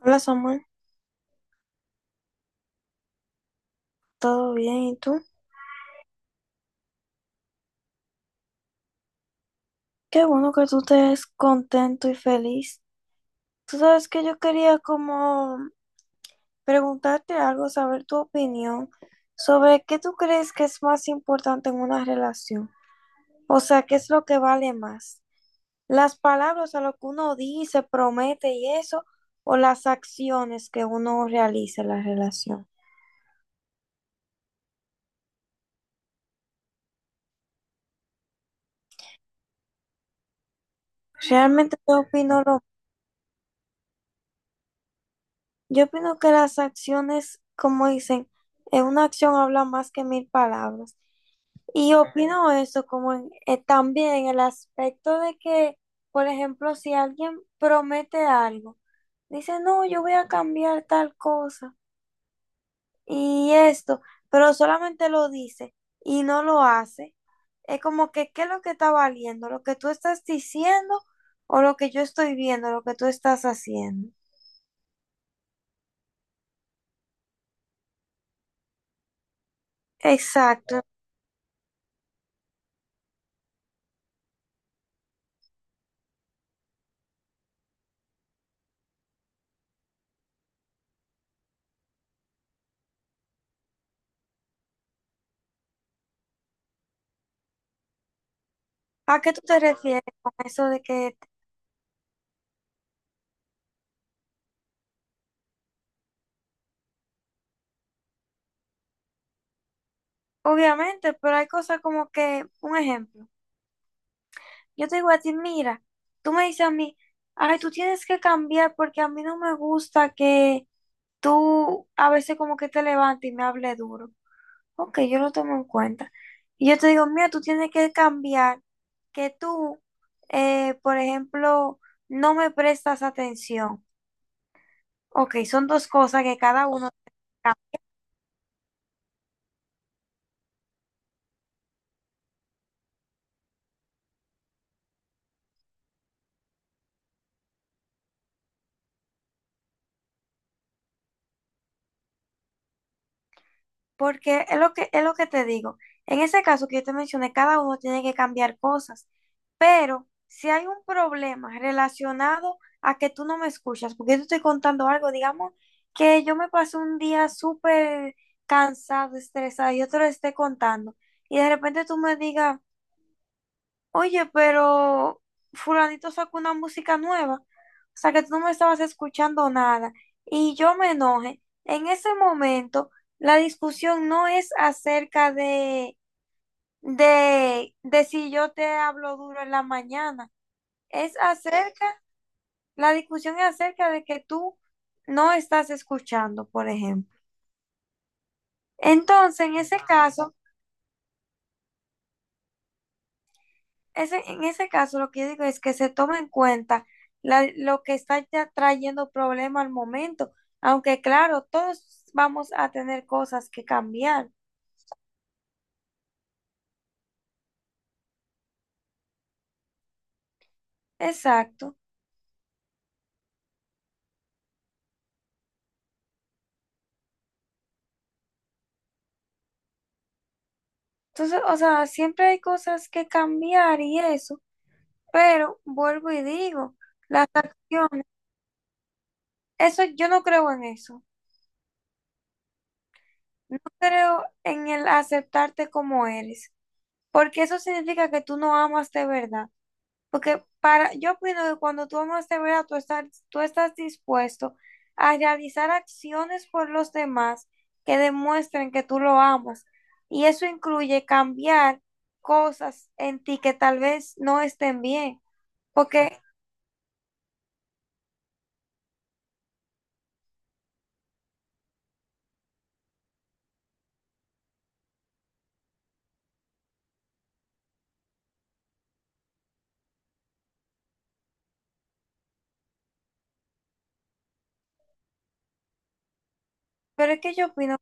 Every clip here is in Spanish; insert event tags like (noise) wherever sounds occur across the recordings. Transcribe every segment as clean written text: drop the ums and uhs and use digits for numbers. Hola Samuel, ¿todo bien? ¿Y tú? Qué bueno que tú estés contento y feliz. Tú sabes que yo quería como preguntarte algo, saber tu opinión sobre qué tú crees que es más importante en una relación. O sea, ¿qué es lo que vale más? ¿Las palabras a lo que uno dice, promete y eso, o las acciones que uno realiza en la relación? Realmente yo opino lo, yo opino que las acciones, como dicen, en una acción habla más que mil palabras. Y opino eso, como también el aspecto de que, por ejemplo, si alguien promete algo, dice, no, yo voy a cambiar tal cosa y esto, pero solamente lo dice y no lo hace, es como que, ¿qué es lo que está valiendo? ¿Lo que tú estás diciendo o lo que yo estoy viendo, lo que tú estás haciendo? Exacto. ¿A qué tú te refieres con eso de que, obviamente, pero hay cosas como que, un ejemplo? Yo te digo a ti, mira, tú me dices a mí, ay, tú tienes que cambiar porque a mí no me gusta que tú a veces como que te levantes y me hable duro. Ok, yo lo tomo en cuenta. Y yo te digo, mira, tú tienes que cambiar que por ejemplo, no me prestas atención. Ok, son dos cosas que cada uno. Porque es lo que te digo. En ese caso que yo te mencioné, cada uno tiene que cambiar cosas. Pero si hay un problema relacionado a que tú no me escuchas, porque yo te estoy contando algo, digamos que yo me pasé un día súper cansado, estresado, yo te lo estoy contando, y de repente tú me digas, oye, pero fulanito sacó una música nueva, o sea que tú no me estabas escuchando nada y yo me enojé. En ese momento, la discusión no es acerca de si yo te hablo duro en la mañana, es acerca, la discusión es acerca de que tú no estás escuchando, por ejemplo. Entonces, en ese caso, en ese caso, lo que yo digo es que se toma en cuenta lo que está ya trayendo problema al momento, aunque claro, todos vamos a tener cosas que cambiar. Exacto. Entonces, o sea, siempre hay cosas que cambiar y eso, pero vuelvo y digo, las acciones, eso yo no creo en eso. No creo en el aceptarte como eres, porque eso significa que tú no amas de verdad. Porque para, yo opino que cuando tú amas de verdad, tú estás dispuesto a realizar acciones por los demás que demuestren que tú lo amas. Y eso incluye cambiar cosas en ti que tal vez no estén bien. Porque, pero es que yo opino,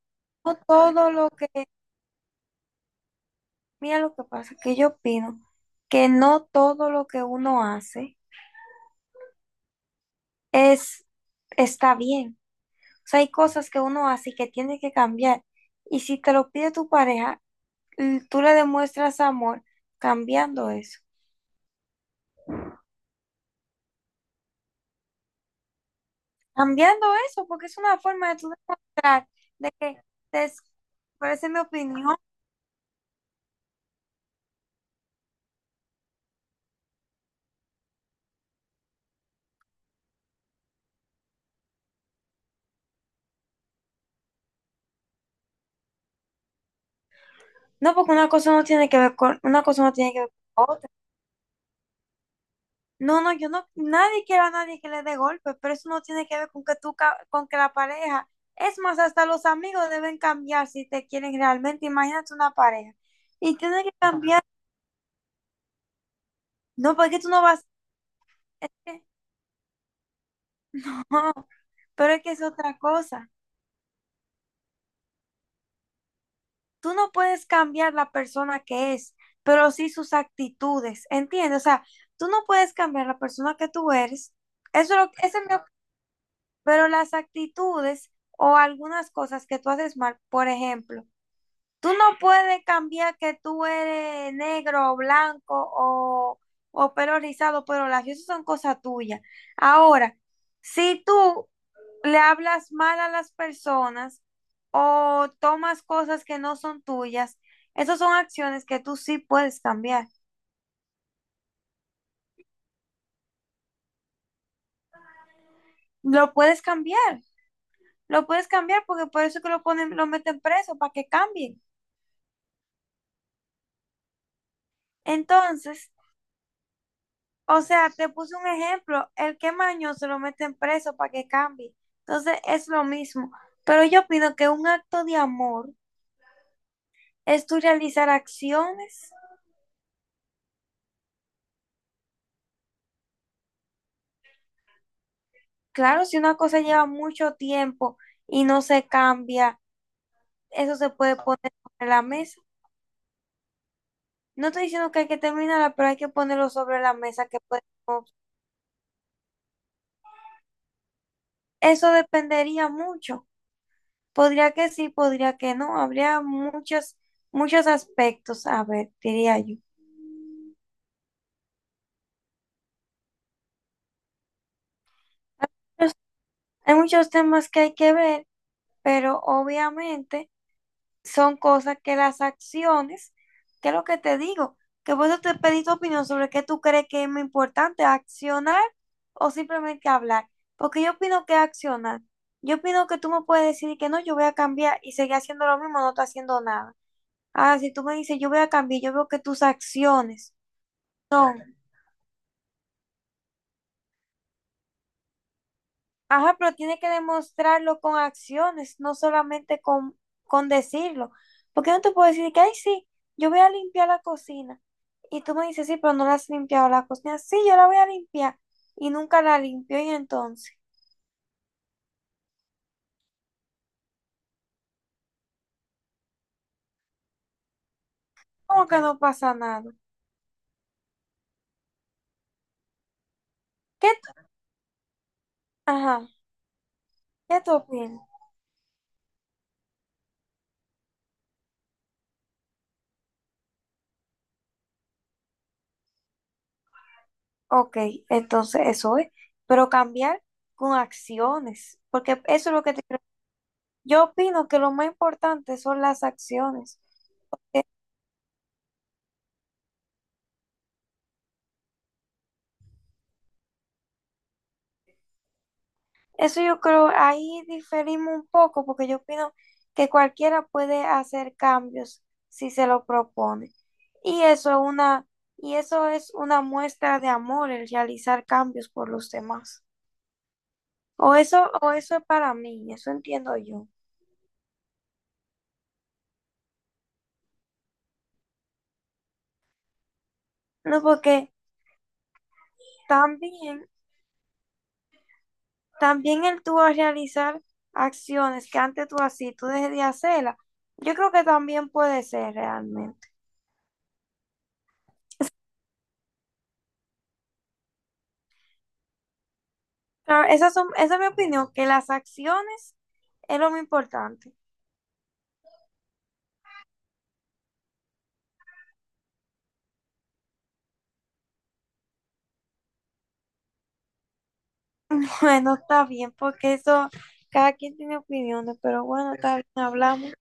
no todo lo que, mira lo que pasa, que yo opino que no todo lo que uno hace es, está bien. O sea, hay cosas que uno hace y que tiene que cambiar. Y si te lo pide tu pareja, tú le demuestras amor cambiando eso. Cambiando eso, porque es una forma de tú demostrar de que te es- pero esa es mi opinión. No, porque una cosa no tiene que ver con la otra. No, no, yo no, nadie quiere a nadie que le dé golpes, pero eso no tiene que ver con que con que la pareja, es más, hasta los amigos deben cambiar si te quieren realmente. Imagínate una pareja y tiene que cambiar. No, porque tú no vas, es que, (laughs) pero es que es otra cosa. Tú no puedes cambiar la persona que es, pero sí sus actitudes, ¿entiendes? O sea, tú no puedes cambiar la persona que tú eres, eso es lo que, esa es mi pero las actitudes o algunas cosas que tú haces mal, por ejemplo, tú no puedes cambiar que tú eres negro o blanco o pelo rizado, pero las cosas son cosas tuyas. Ahora, si tú le hablas mal a las personas o tomas cosas que no son tuyas, esas son acciones que tú sí puedes cambiar. Lo puedes cambiar, lo puedes cambiar porque por eso es que lo ponen, lo meten preso, para que cambien. Entonces, o sea, te puse un ejemplo, el que es mañoso lo meten preso para que cambie. Entonces, es lo mismo. Pero yo opino que un acto de amor es tú realizar acciones. Claro, si una cosa lleva mucho tiempo y no se cambia, eso se puede poner sobre la mesa. No estoy diciendo que hay que terminarla, pero hay que ponerlo sobre la mesa, que eso dependería mucho. Podría que sí, podría que no. Habría muchos, muchos aspectos, a ver, diría yo. Pues, hay muchos temas que hay que ver, pero obviamente... son cosas que las acciones, que es lo que te digo, que por eso te pedí tu opinión sobre qué tú crees que es más importante, accionar o simplemente hablar. Porque yo opino que accionar. Yo opino que tú me puedes decir que no, yo voy a cambiar y seguir haciendo lo mismo, no estoy haciendo nada. Ahora, si tú me dices, yo voy a cambiar, yo veo que tus acciones son. Ajá, pero tiene que demostrarlo con acciones, no solamente con decirlo. Porque no te puedo decir que, ay, sí, yo voy a limpiar la cocina. Y tú me dices, sí, pero no la has limpiado la cocina. Sí, yo la voy a limpiar. Y nunca la limpio. Y entonces, ¿cómo que no pasa nada? ¿Qué ajá, qué tú opinas? Ok, entonces eso es. Pero cambiar con acciones. Porque eso es lo que te... Yo opino que lo más importante son las acciones. Eso yo creo, ahí diferimos un poco porque yo opino que cualquiera puede hacer cambios si se lo propone. Y eso es una, y eso es una muestra de amor, el realizar cambios por los demás. O eso es para mí, eso entiendo yo. No, porque también, también el tú a realizar acciones que antes tú hacías, tú dejé de hacerlas. Yo creo que también puede ser realmente. Esa es mi opinión, que las acciones es lo más importante. (laughs) Bueno, está bien, porque eso, cada quien tiene opiniones, pero bueno, está bien, hablamos.